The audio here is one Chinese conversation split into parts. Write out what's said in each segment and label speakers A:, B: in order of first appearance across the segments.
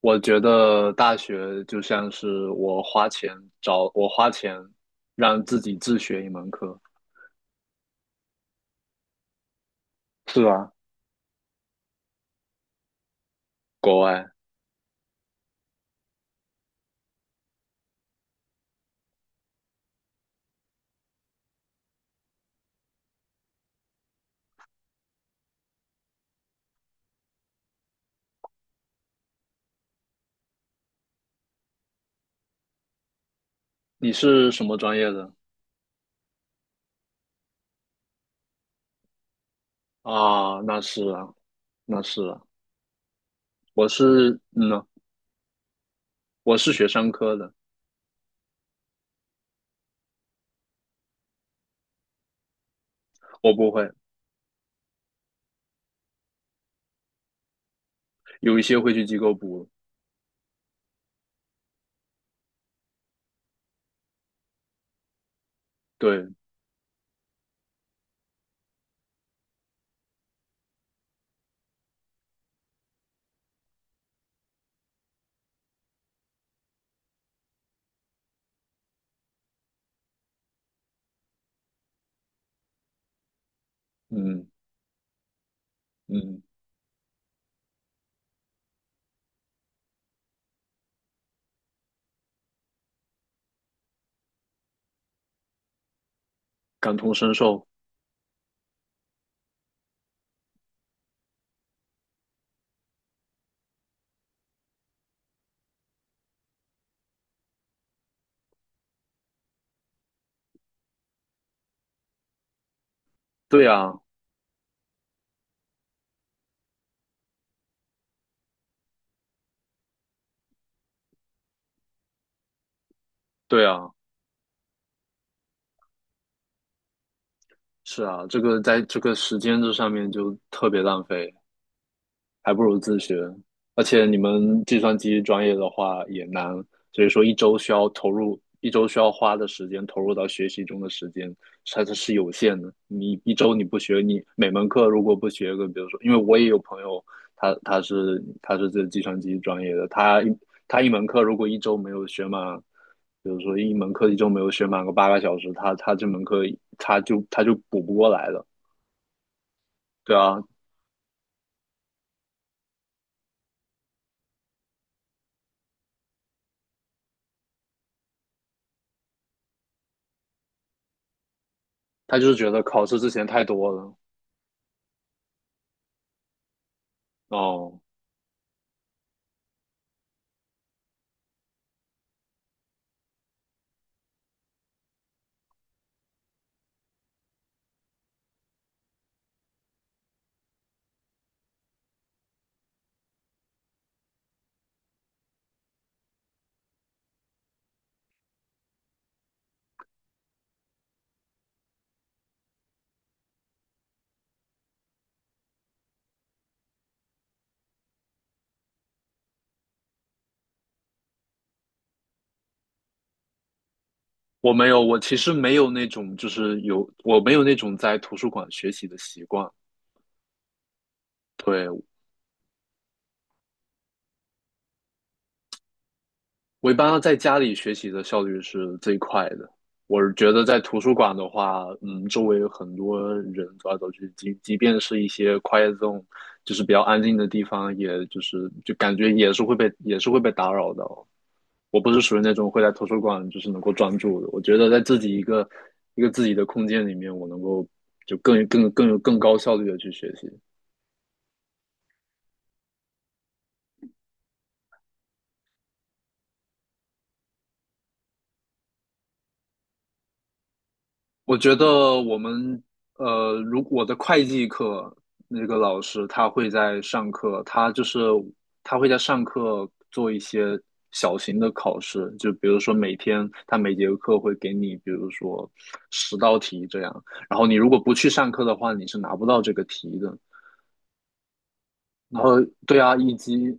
A: 我觉得大学就像是我花钱让自己自学一门课，是吧？国外。你是什么专业的？啊，那是啊，那是啊。我是，嗯呐，我是学商科的。我不会。有一些会去机构补。对，嗯嗯，感同身受。对啊，对啊，是啊，这个在这个时间这上面就特别浪费。还不如自学。而且你们计算机专业的话也难。所以说一周需要花的时间投入到学习中的时间，它是有限的。你一周你不学，你每门课如果不学个，比如说，因为我也有朋友，他是这计算机专业的。他一门课如果一周没有学满，比如说一门课一周没有学满个8个小时，他这门课他就补不过来了。对啊。他就是觉得考试之前太多了。哦。我没有，我其实没有那种，就是有，我没有那种在图书馆学习的习惯。对。我一般在家里学习的效率是最快的。我是觉得在图书馆的话，周围有很多人走来走去，即便是一些 quiet zone，就是比较安静的地方，也就是就感觉也是会被打扰到。我不是属于那种会在图书馆就是能够专注的。我觉得在自己一个一个自己的空间里面，我能够就更高效率的去学习。我觉得我们如我的会计课那个老师，他会在上课做一些小型的考试，就比如说每天他每节课会给你，比如说10道题这样，然后你如果不去上课的话，你是拿不到这个题的。然后对啊，以及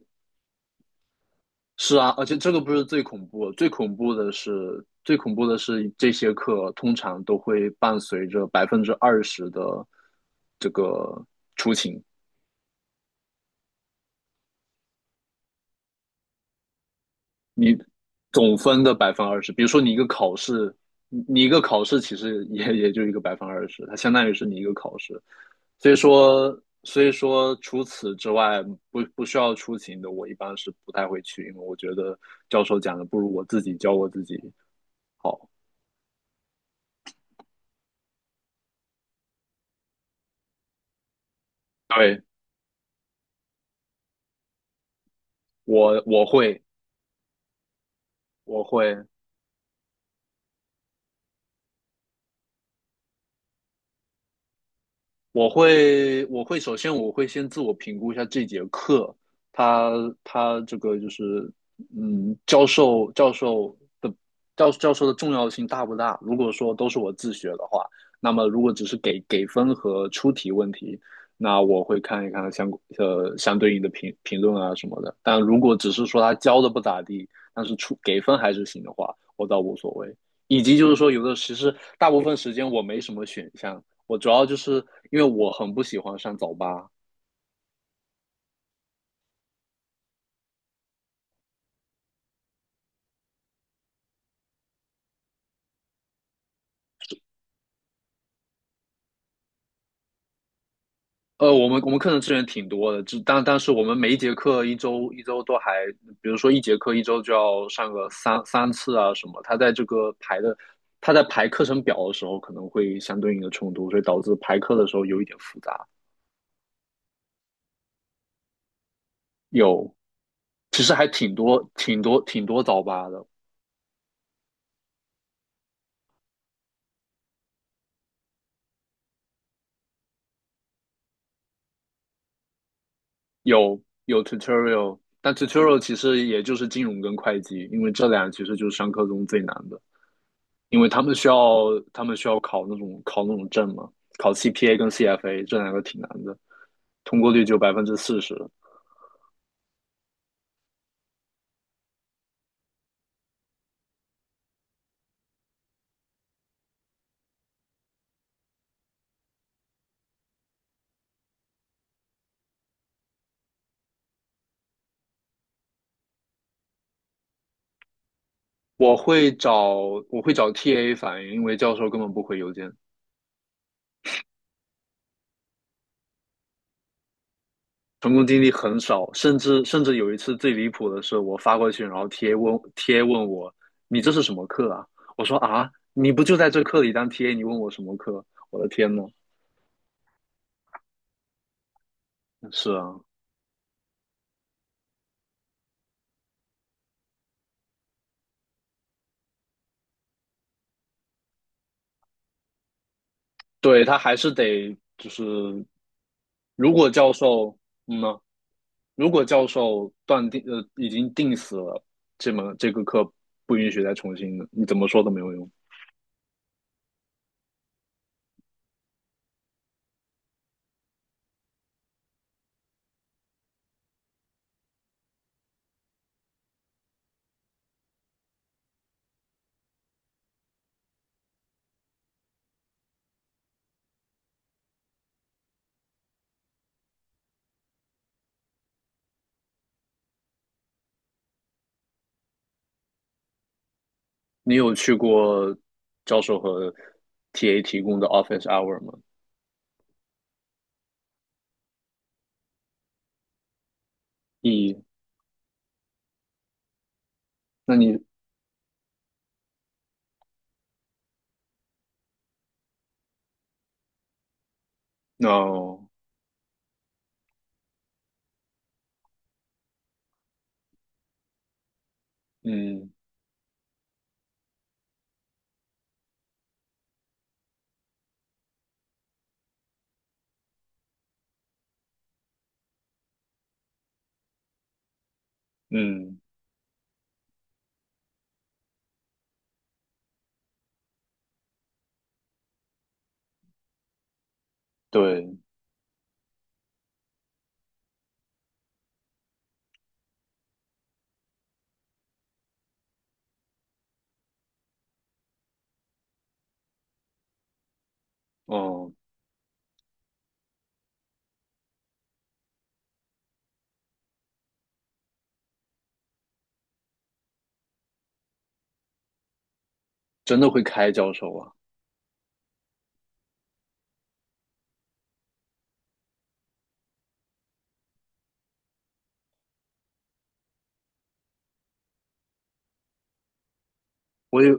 A: 是啊，而且这个不是最恐怖的是这些课通常都会伴随着百分之二十的这个总分的百分之二十。比如说你一个考试，你一个考试其实也就一个百分之二十，它相当于是你一个考试。所以说，所以说，除此之外，不需要出勤的，我一般是不太会去，因为我觉得教授讲的不如我自己教我自己好。对，我我会我会。我会我会首先我会先自我评估一下这节课，他他这个就是嗯教授教授的教教授的重要性大不大？如果说都是我自学的话，那么如果只是给分和出题问题，那我会看一看相对应的评论啊什么的。但如果只是说他教的不咋地，但是出给分还是行的话，我倒无所谓。以及就是说，有的其实大部分时间我没什么选项，我主要就是因为我很不喜欢上早八。我们课程资源挺多的，但是我们每一节课一周一周都还，比如说一节课一周就要上个三次啊什么，他在排课程表的时候可能会相对应的冲突，所以导致排课的时候有一点复杂。有，其实还挺多挺多挺多早八的。有有 tutorial，但 tutorial 其实也就是金融跟会计，因为这俩其实就是上课中最难的。因为他们需要考那种证嘛，考 CPA 跟 CFA 这两个挺难的，通过率只有40%。我会找我会找 TA 反映，因为教授根本不回邮件。成功经历很少，甚至有一次最离谱的是，我发过去，然后 TA 问我你这是什么课啊？我说啊，你不就在这课里当 TA，你问我什么课？我的天呐。是啊。对他还是得就是，如果教授嗯呢。如果教授断定已经定死了，这门这个课不允许再重新的，你怎么说都没有用。你有去过教授和 TA 提供的 office hour 吗？一，那你 no，嗯嗯，对，哦。真的会开教授啊！我也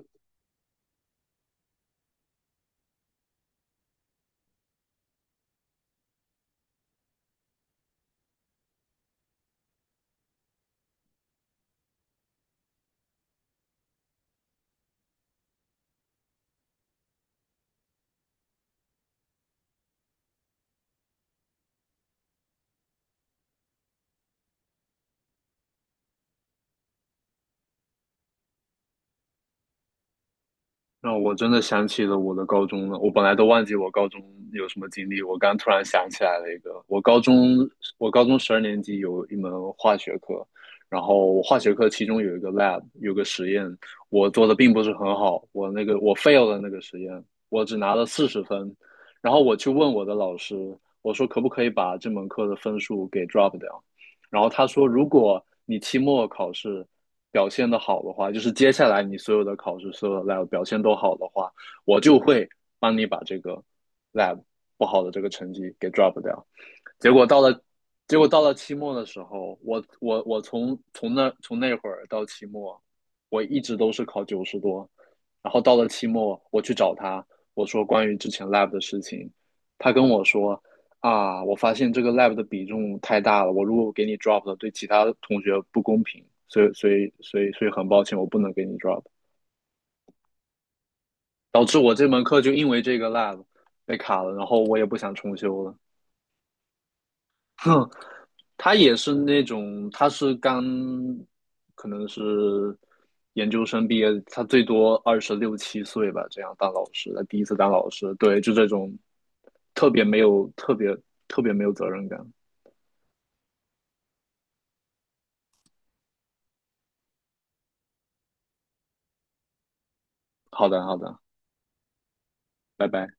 A: 让我真的想起了我的高中了。我本来都忘记我高中有什么经历，我刚突然想起来了一个。我高中12年级有一门化学课，然后化学课其中有一个 lab，有个实验，我做的并不是很好，我 fail 了那个实验，我只拿了40分。然后我去问我的老师，我说可不可以把这门课的分数给 drop 掉？然后他说，如果你期末考试表现的好的话，就是接下来你所有的考试、所有的 lab 表现都好的话，我就会帮你把这个 lab 不好的这个成绩给 drop 掉。结果到了，结果到了期末的时候，我从那会儿到期末，我一直都是考90多，然后到了期末，我去找他，我说关于之前 lab 的事情，他跟我说啊，我发现这个 lab 的比重太大了，我如果给你 drop 了，对其他同学不公平，所以很抱歉，我不能给你 drop，导致我这门课就因为这个 lab 被卡了，然后我也不想重修了，哼。他也是那种，他是刚可能是研究生毕业，他最多二十六七岁吧，这样当老师，他第一次当老师，对，就这种特别没有特别特别没有责任感。好的，好的，拜拜。